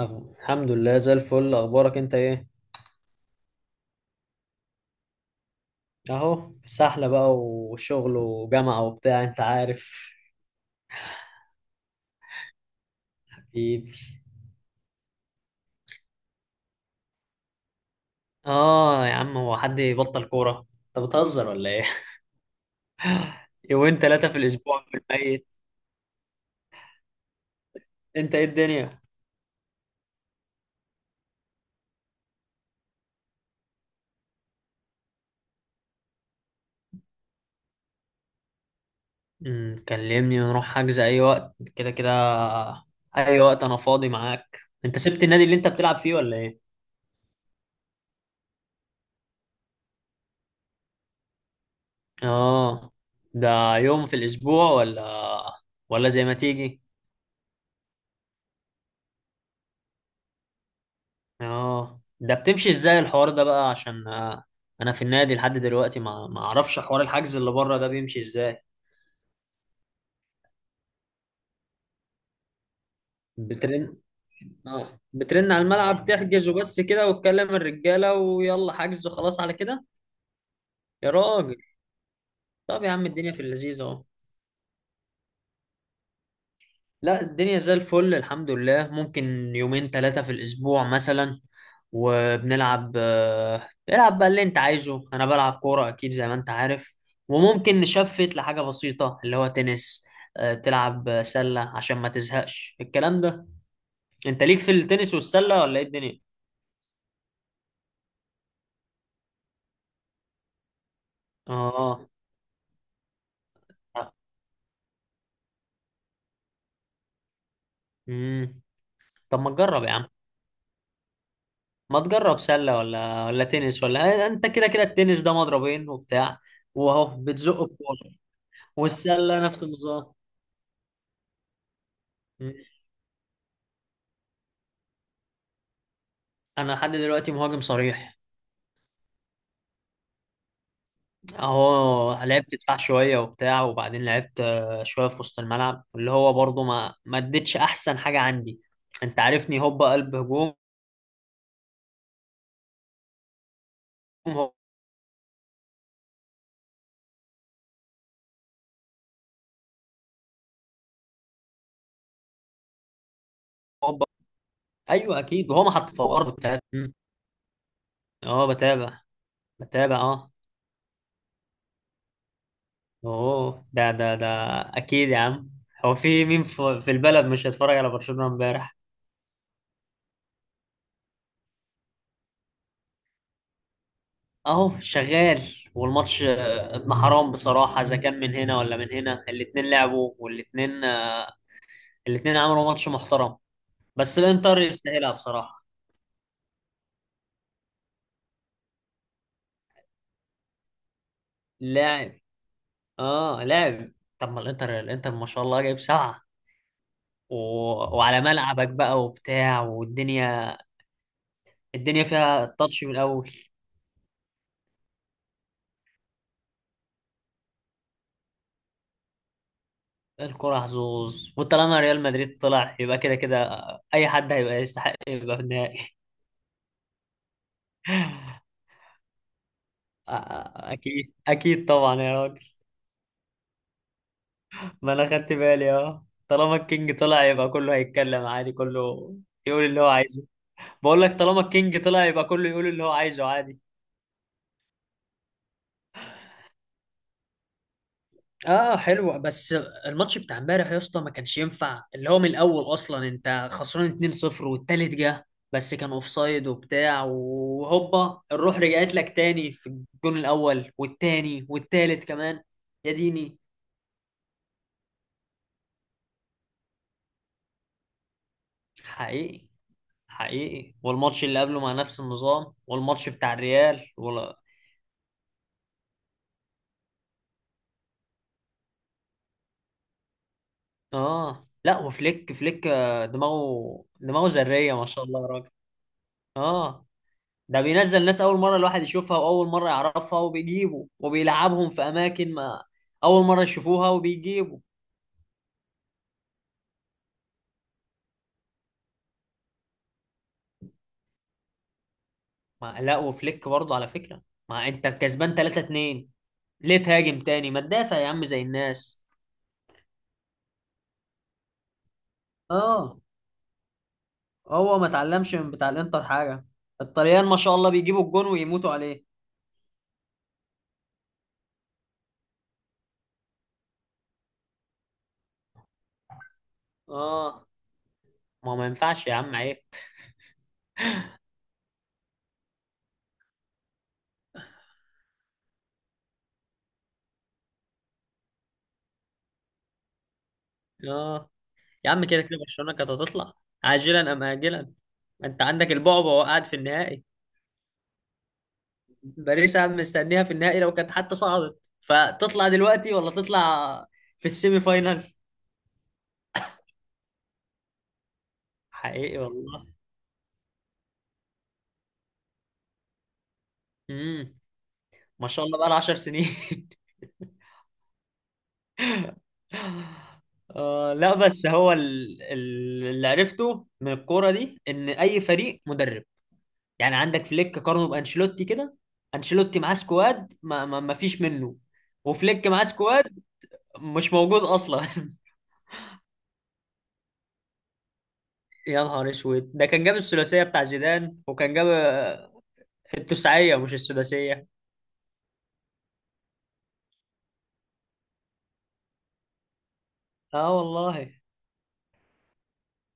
أهو. الحمد لله زي الفل، اخبارك انت ايه؟ اهو سحلة بقى، وشغل وجامعة وبتاع، انت عارف. حبيبي. اه يا عم، هو حد يبطل كورة؟ انت بتهزر ولا ايه؟ يومين ثلاثة في الاسبوع في الميت. انت، ايه الدنيا؟ كلمني ونروح حجز اي وقت، كده كده. اي وقت انا فاضي معاك. انت سبت النادي اللي انت بتلعب فيه ولا ايه؟ اه، ده يوم في الاسبوع ولا زي ما تيجي؟ اه، ده بتمشي ازاي الحوار ده بقى؟ عشان انا في النادي لحد دلوقتي ما اعرفش حوار الحجز اللي بره ده بيمشي ازاي. بترن. اه، بترن على الملعب تحجز وبس كده، وتكلم الرجاله ويلا حجز وخلاص على كده. يا راجل. طب يا عم، الدنيا في اللذيذ اهو. لا، الدنيا زي الفل الحمد لله. ممكن يومين ثلاثة في الأسبوع مثلا. وبنلعب. العب بقى اللي أنت عايزه. أنا بلعب كورة أكيد زي ما أنت عارف. وممكن نشفت لحاجة بسيطة اللي هو تنس، تلعب سلة عشان ما تزهقش الكلام ده. أنت ليك في التنس والسلة ولا إيه الدنيا؟ آه. امم. طب ما تجرب يا عم. ما تجرب سلة ولا تنس؟ ولا أنت كده كده، التنس ده مضربين وبتاع، وأهو بتزق الكورة. والسلة نفس النظام. مم. انا لحد دلوقتي مهاجم صريح. اهو لعبت دفاع شويه وبتاع، وبعدين لعبت شويه في وسط الملعب، اللي هو برضو ما اديتش احسن حاجه عندي. انت عارفني، هوبا قلب هجوم. هوبا. ايوه اكيد، وهو ما حط في الارض بتاعت. مم. اه بتابع اه. اوه! ده. اكيد يا عم. هو في مين في البلد مش هيتفرج على برشلونه امبارح؟ اهو شغال. والماتش ابن حرام بصراحه. اذا كان من هنا ولا من هنا، الاتنين لعبوا والاتنين الاثنين عملوا ماتش محترم. بس الانتر يستاهلها بصراحه. لاعب. اه لاعب. طب ما الانتر، ما شاء الله جايب سبعه و... وعلى ملعبك بقى وبتاع والدنيا. الدنيا فيها تاتش من الاول. الكره حظوظ، وطالما ريال مدريد طلع يبقى كده كده، اي حد هيبقى يستحق يبقى في النهائي. اكيد اكيد طبعا يا راجل. ما انا خدت بالي، اه طالما الكينج طلع يبقى كله هيتكلم عادي، كله يقول اللي هو عايزه. بقول لك، طالما الكينج طلع يبقى كله يقول اللي هو عايزه عادي. اه حلوة بس. الماتش بتاع امبارح يا اسطى ما كانش ينفع، اللي هو من الاول اصلا انت خسران 2-0 والتالت جه، بس كان اوفسايد وبتاع، وهوبا الروح رجعت لك تاني في الجون الاول والتاني والتالت كمان. يا ديني! حقيقي. حقيقي. والماتش اللي قبله مع نفس النظام، والماتش بتاع الريال ولا. اه لا، وفليك فليك دماغه دماغه ذرية ما شاء الله يا راجل. اه، ده بينزل ناس اول مره الواحد يشوفها، واول مره يعرفها وبيجيبه وبيلعبهم في اماكن ما اول مره يشوفوها وبيجيبوا. ما لا، وفليك برضه على فكره، ما انت كسبان 3 2، ليه تهاجم تاني؟ ما تدافع يا عم زي الناس. اه. هو ما اتعلمش من بتاع الانتر حاجه. الطليان ما شاء الله بيجيبوا الجون ويموتوا عليه. اه، ما ينفعش يا عم، عيب. اه يا عم، كده كده برشلونه كانت هتطلع، عاجلا ام اجلا. انت عندك البعبع، وقعد في النهائي. باريس. انا مستنيها في النهائي، لو كانت حتى صعدت فتطلع دلوقتي ولا تطلع في السيمي فاينال. حقيقي والله. امم. ما شاء الله، بقى 10 سنين. آه لا، بس هو اللي عرفته من الكوره دي ان اي فريق مدرب. يعني عندك فليك، قارنه بانشيلوتي كده. انشيلوتي معاه سكواد ما فيش منه. وفليك معاه سكواد مش موجود اصلا. يا نهار اسود، ده كان جاب الثلاثيه بتاع زيدان، وكان جاب التسعية مش السداسية. اه والله.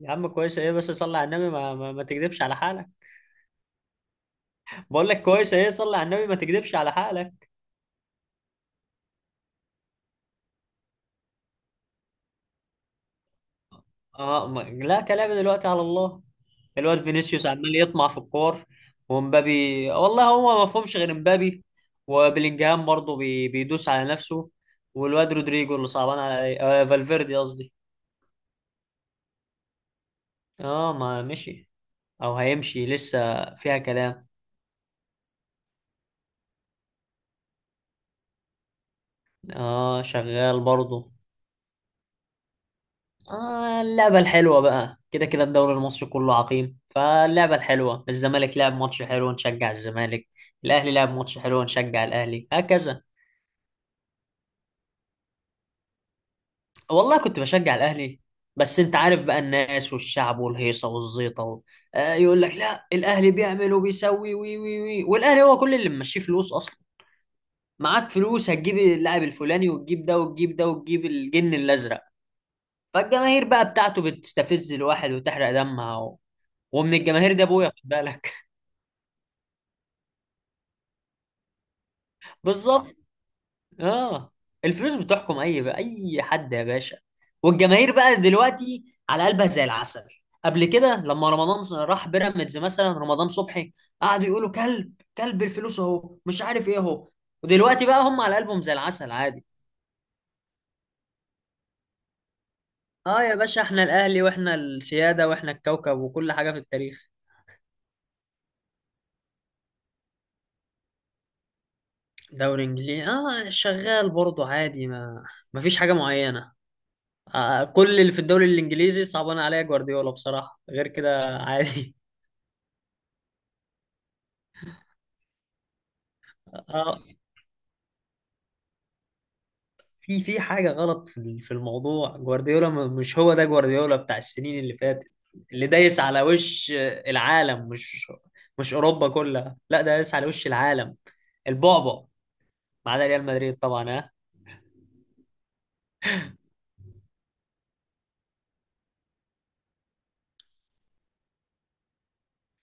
يا عم، كويسة ايه؟ بس صلي على النبي، ما تكذبش على حالك. بقول لك كويسة ايه، صلي على النبي ما تكذبش على حالك. اه ما... لا، كلام دلوقتي على الله. الواد فينيسيوس عمال يطمع في الكور، ومبابي. والله هو ما فهمش غير مبابي. وبلينجهام برضه بيدوس على نفسه. والواد رودريجو، اللي صعبان على فالفيردي قصدي. اه ما مشي، او هيمشي، لسه فيها كلام. اه شغال برضه. آه، اللعبة الحلوة بقى كده كده، الدوري المصري كله عقيم، فاللعبة الحلوة، الزمالك لعب ماتش حلو نشجع الزمالك، الأهلي لعب ماتش حلو نشجع الأهلي، هكذا. والله كنت بشجع الأهلي. بس أنت عارف بقى، الناس والشعب والهيصة والزيطة و... آه يقول لك لا، الأهلي بيعمل وبيسوي وي وي وي، والأهلي هو كل اللي ممشيه فلوس أصلا. معاك فلوس هتجيب اللاعب الفلاني وتجيب ده وتجيب ده وتجيب الجن الأزرق. فالجماهير بقى بتاعته بتستفز الواحد وتحرق دمها و... ومن الجماهير دي أبويا، خد بالك. بالظبط. اه. الفلوس بتحكم، اي بقى اي حد يا باشا. والجماهير بقى دلوقتي على قلبها زي العسل. قبل كده لما رمضان راح بيراميدز، مثلا رمضان صبحي، قعدوا يقولوا كلب، كلب الفلوس اهو، مش عارف ايه اهو. ودلوقتي بقى هم على قلبهم زي العسل عادي. اه يا باشا، احنا الاهلي واحنا السيادة واحنا الكوكب وكل حاجة في التاريخ. دوري انجليزي اه شغال برضه عادي، ما فيش حاجة معينة. آه، كل اللي في الدوري الانجليزي صعبان عليا جوارديولا بصراحة، غير كده عادي. اه، في حاجة غلط في في الموضوع. جوارديولا مش هو ده جوارديولا بتاع السنين اللي فاتت، اللي دايس على وش العالم، مش أوروبا كلها، لا ده دايس على وش العالم، البعبع. ما عدا ريال مدريد طبعا، ها.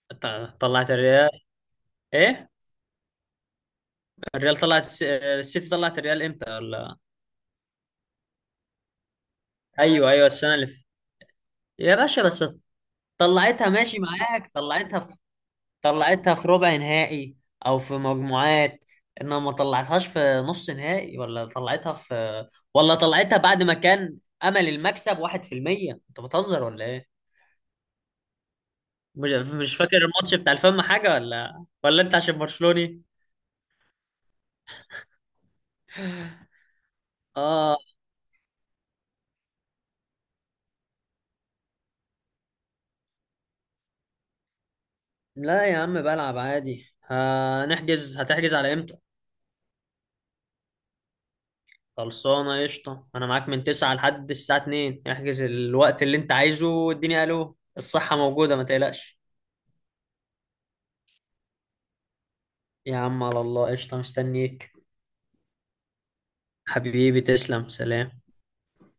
ط- طلعت الريال. ايه؟ الريال طلعت السيتي، طلعت الريال امتى ولا؟ ايوه ايوه، السنة اللي يا باشا بس، طلعتها ماشي معاك، طلعتها. طلعتها في ربع نهائي، او في مجموعات، انما ما طلعتهاش في نص نهائي، ولا طلعتها في، ولا طلعتها بعد ما كان امل المكسب 1%. انت بتهزر ولا ايه؟ مش فاكر الماتش بتاع الفم حاجه ولا انت عشان برشلوني؟ اه لا يا عم، بلعب عادي. هنحجز، هتحجز على امتى؟ خلصانه، قشطه، انا معاك من 9 لحد الساعه 2، احجز الوقت اللي انت عايزه واديني، الو الصحه موجوده ما تقلقش. يا عم على الله، قشطه، مستنيك. حبيبي، تسلم. سلام.